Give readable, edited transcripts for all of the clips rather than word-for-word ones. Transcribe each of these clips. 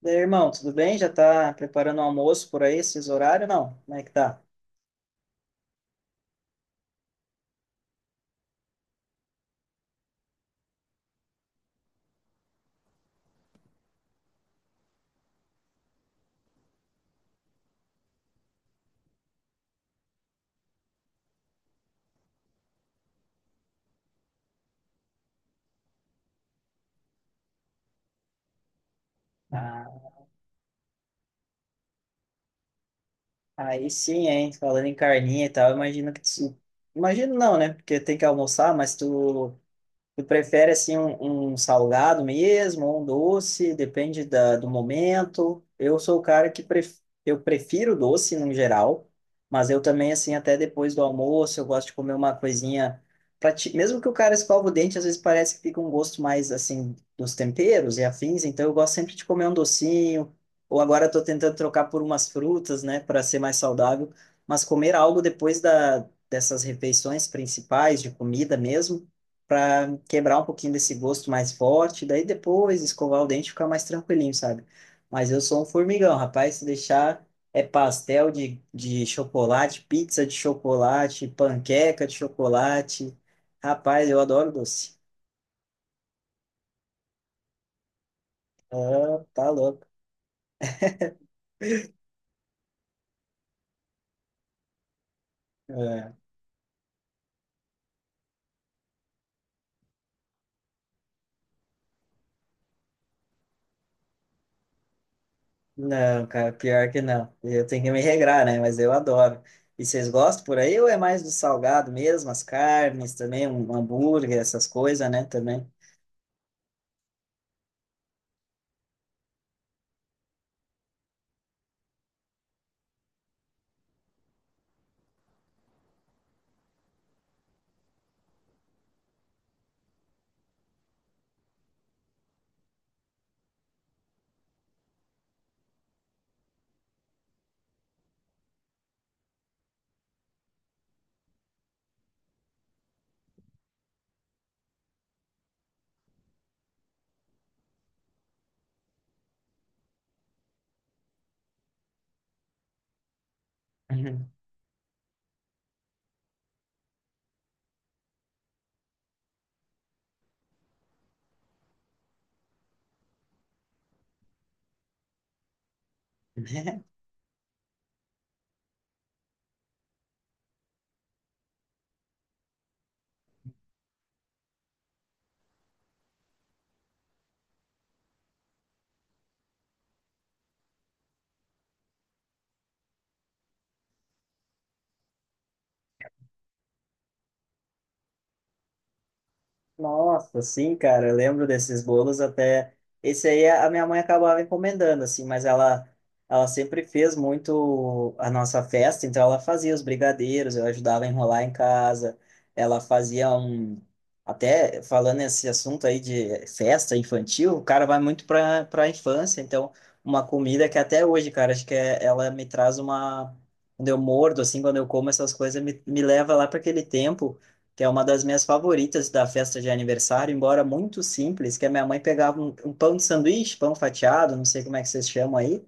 Daí, irmão, tudo bem? Já tá preparando o almoço por aí, esses horários? Não, como é que tá? Ah, aí sim, hein? Falando em carninha e tal, imagino que tu... Imagino não, né? Porque tem que almoçar, mas tu. Tu prefere assim um salgado mesmo, ou um doce, depende da, do momento. Eu sou o cara que pref... eu prefiro doce no geral, mas eu também assim até depois do almoço eu gosto de comer uma coisinha pra ti... mesmo que o cara escova o dente, às vezes parece que fica um gosto mais assim dos temperos e afins, então eu gosto sempre de comer um docinho, ou agora estou tentando trocar por umas frutas, né, para ser mais saudável, mas comer algo depois da dessas refeições principais de comida mesmo para quebrar um pouquinho desse gosto mais forte, daí depois escovar o dente e ficar mais tranquilinho, sabe? Mas eu sou um formigão, rapaz, se deixar é pastel de chocolate, pizza de chocolate, panqueca de chocolate. Rapaz, eu adoro doce. Ah, tá louco. É. Não, cara, pior que não. Eu tenho que me regrar, né? Mas eu adoro. E vocês gostam por aí ou é mais do salgado mesmo? As carnes também, um hambúrguer, essas coisas, né? Também. Nossa, sim, cara, eu lembro desses bolos até. Esse aí a minha mãe acabava encomendando, assim, mas ela sempre fez muito a nossa festa, então ela fazia os brigadeiros, eu ajudava a enrolar em casa, ela fazia um. Até falando nesse assunto aí de festa infantil, o cara vai muito para a infância, então uma comida que até hoje, cara, acho que é, ela me traz uma. Quando eu mordo, assim, quando eu como essas coisas, me leva lá para aquele tempo que é uma das minhas favoritas da festa de aniversário, embora muito simples, que a minha mãe pegava um pão de sanduíche, pão fatiado, não sei como é que vocês chamam aí,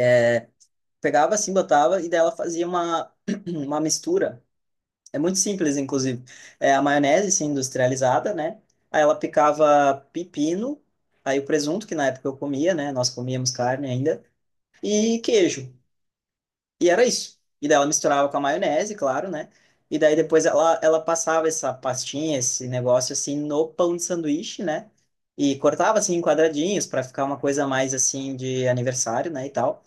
é, pegava assim, botava e dela fazia uma, uma mistura. É muito simples, inclusive. É a maionese, assim, industrializada, né? Aí ela picava pepino, aí o presunto, que na época eu comia, né? Nós comíamos carne ainda, e queijo. E era isso. E daí ela misturava com a maionese, claro, né? E daí depois ela passava essa pastinha, esse negócio assim no pão de sanduíche, né? E cortava assim em quadradinhos para ficar uma coisa mais assim de aniversário, né? E tal.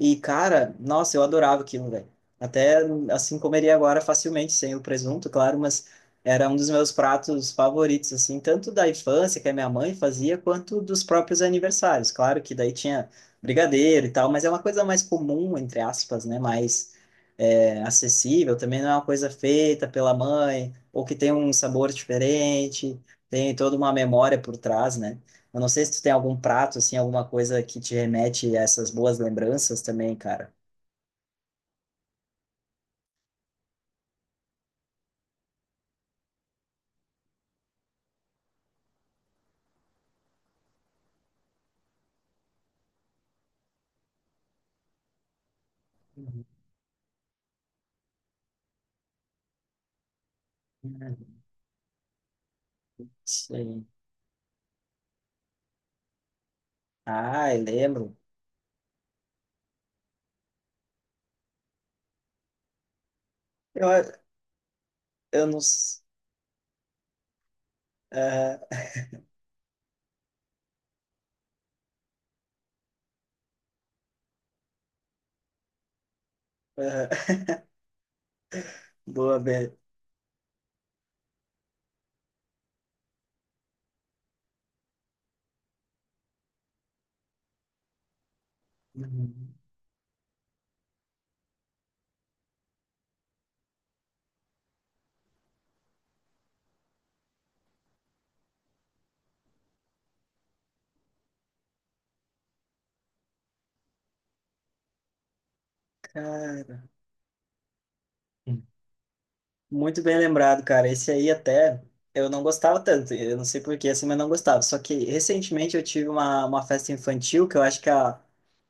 E, cara, nossa, eu adorava aquilo, velho. Até assim comeria agora facilmente, sem o presunto, claro, mas era um dos meus pratos favoritos, assim, tanto da infância, que a minha mãe fazia, quanto dos próprios aniversários. Claro que daí tinha brigadeiro e tal, mas é uma coisa mais comum, entre aspas, né? Mais é, acessível, também não é uma coisa feita pela mãe, ou que tem um sabor diferente, tem toda uma memória por trás, né? Eu não sei se tu tem algum prato, assim, alguma coisa que te remete a essas boas lembranças também, cara. Uhum. Sim. Ah, eu lembro. Eu, eu não. s- ah, ah, boa, velho. Uhum. Cara. Muito bem lembrado, cara. Esse aí até eu não gostava tanto, eu não sei por que, assim, mas não gostava. Só que recentemente eu tive uma festa infantil que eu acho que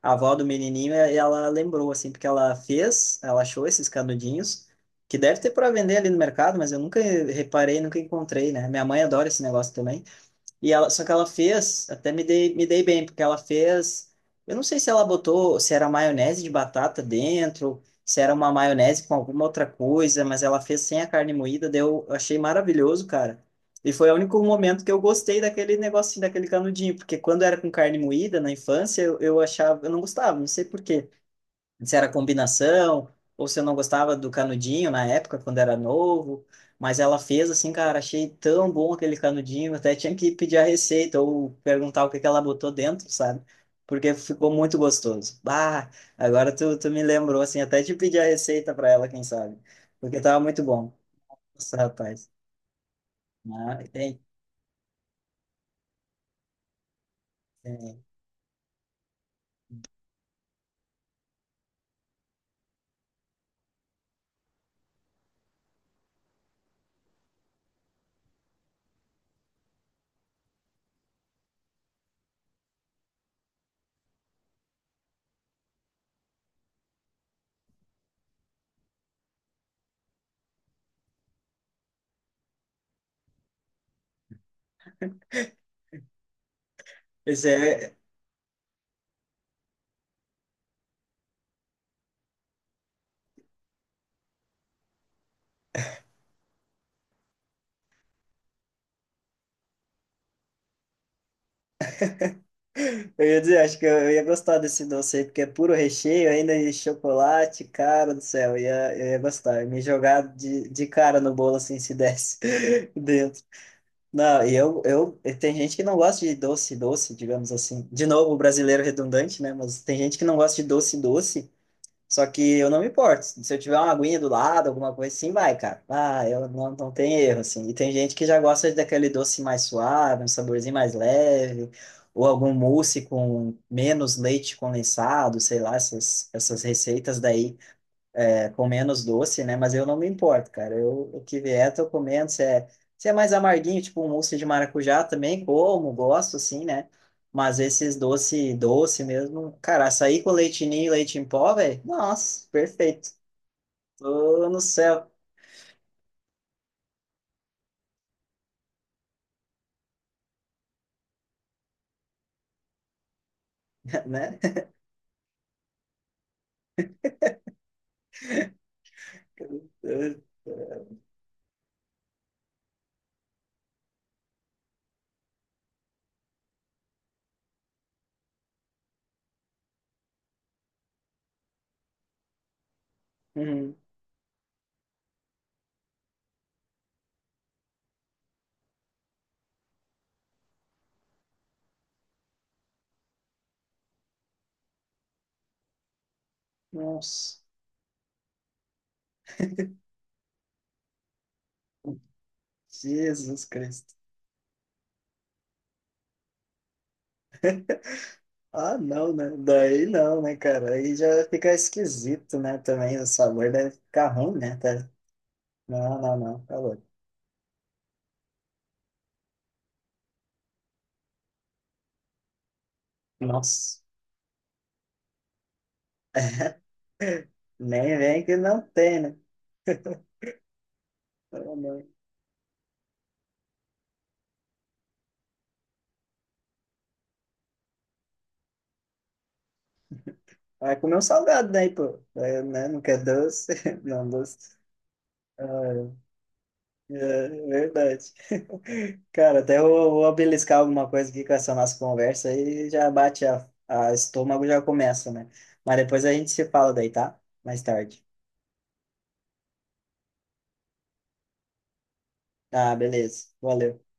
a avó do menininho, ela lembrou, assim, porque ela fez, ela achou esses canudinhos, que deve ter para vender ali no mercado, mas eu nunca reparei, nunca encontrei, né? Minha mãe adora esse negócio também. E ela, só que ela fez, me dei bem, porque ela fez, eu não sei se ela botou, se era maionese de batata dentro, se era uma maionese com alguma outra coisa, mas ela fez sem a carne moída, daí eu achei maravilhoso, cara. E foi o único momento que eu gostei daquele negocinho, daquele canudinho, porque quando era com carne moída, na infância, eu achava, eu não gostava, não sei por quê se era combinação, ou se eu não gostava do canudinho na época, quando era novo. Mas ela fez assim, cara, achei tão bom aquele canudinho, até tinha que pedir a receita ou perguntar o que que ela botou dentro, sabe? Porque ficou muito gostoso. Bah, agora tu me lembrou, assim, até de pedir a receita para ela, quem sabe? Porque tava muito bom. Nossa, rapaz. Ah, tem, tem. Esse é. Eu ia dizer, acho que eu ia gostar desse doce aí, porque é puro recheio, ainda de chocolate, cara do céu, eu ia gostar. Eu me jogar de cara no bolo assim, se desse dentro. Não, e tem gente que não gosta de doce, doce, digamos assim. De novo, o brasileiro redundante, né? Mas tem gente que não gosta de doce, doce. Só que eu não me importo. Se eu tiver uma aguinha do lado, alguma coisa assim, vai, cara. Ah, eu não, não tem erro, assim. E tem gente que já gosta daquele doce mais suave, um saborzinho mais leve, ou algum mousse com menos leite condensado, sei lá, essas receitas daí é, com menos doce, né? Mas eu não me importo, cara. Eu, o que vier, tô comendo. Se é mais amarguinho, tipo um mousse de maracujá também, como, gosto, assim, né? Mas esses doce, doce mesmo, cara, açaí com leite ninho e leite em pó, velho, nossa, perfeito. Tô no céu, né? Uhum. Nossa, Jesus Cristo. Ah, não, né? Daí não, né, cara? Aí já fica esquisito, né? Também o sabor deve ficar ruim, né? Tá- Não, não, não, tá louco. Nossa. Nem vem que não tem, né? Pelo amor. Vai comer um salgado daí, pô. É, né? Não quer doce? Não, doce. Ah, é é verdade. Cara, até eu vou beliscar alguma coisa aqui com essa nossa conversa e já bate a estômago, já começa, né? Mas depois a gente se fala daí, tá? Mais tarde. Ah, beleza. Valeu.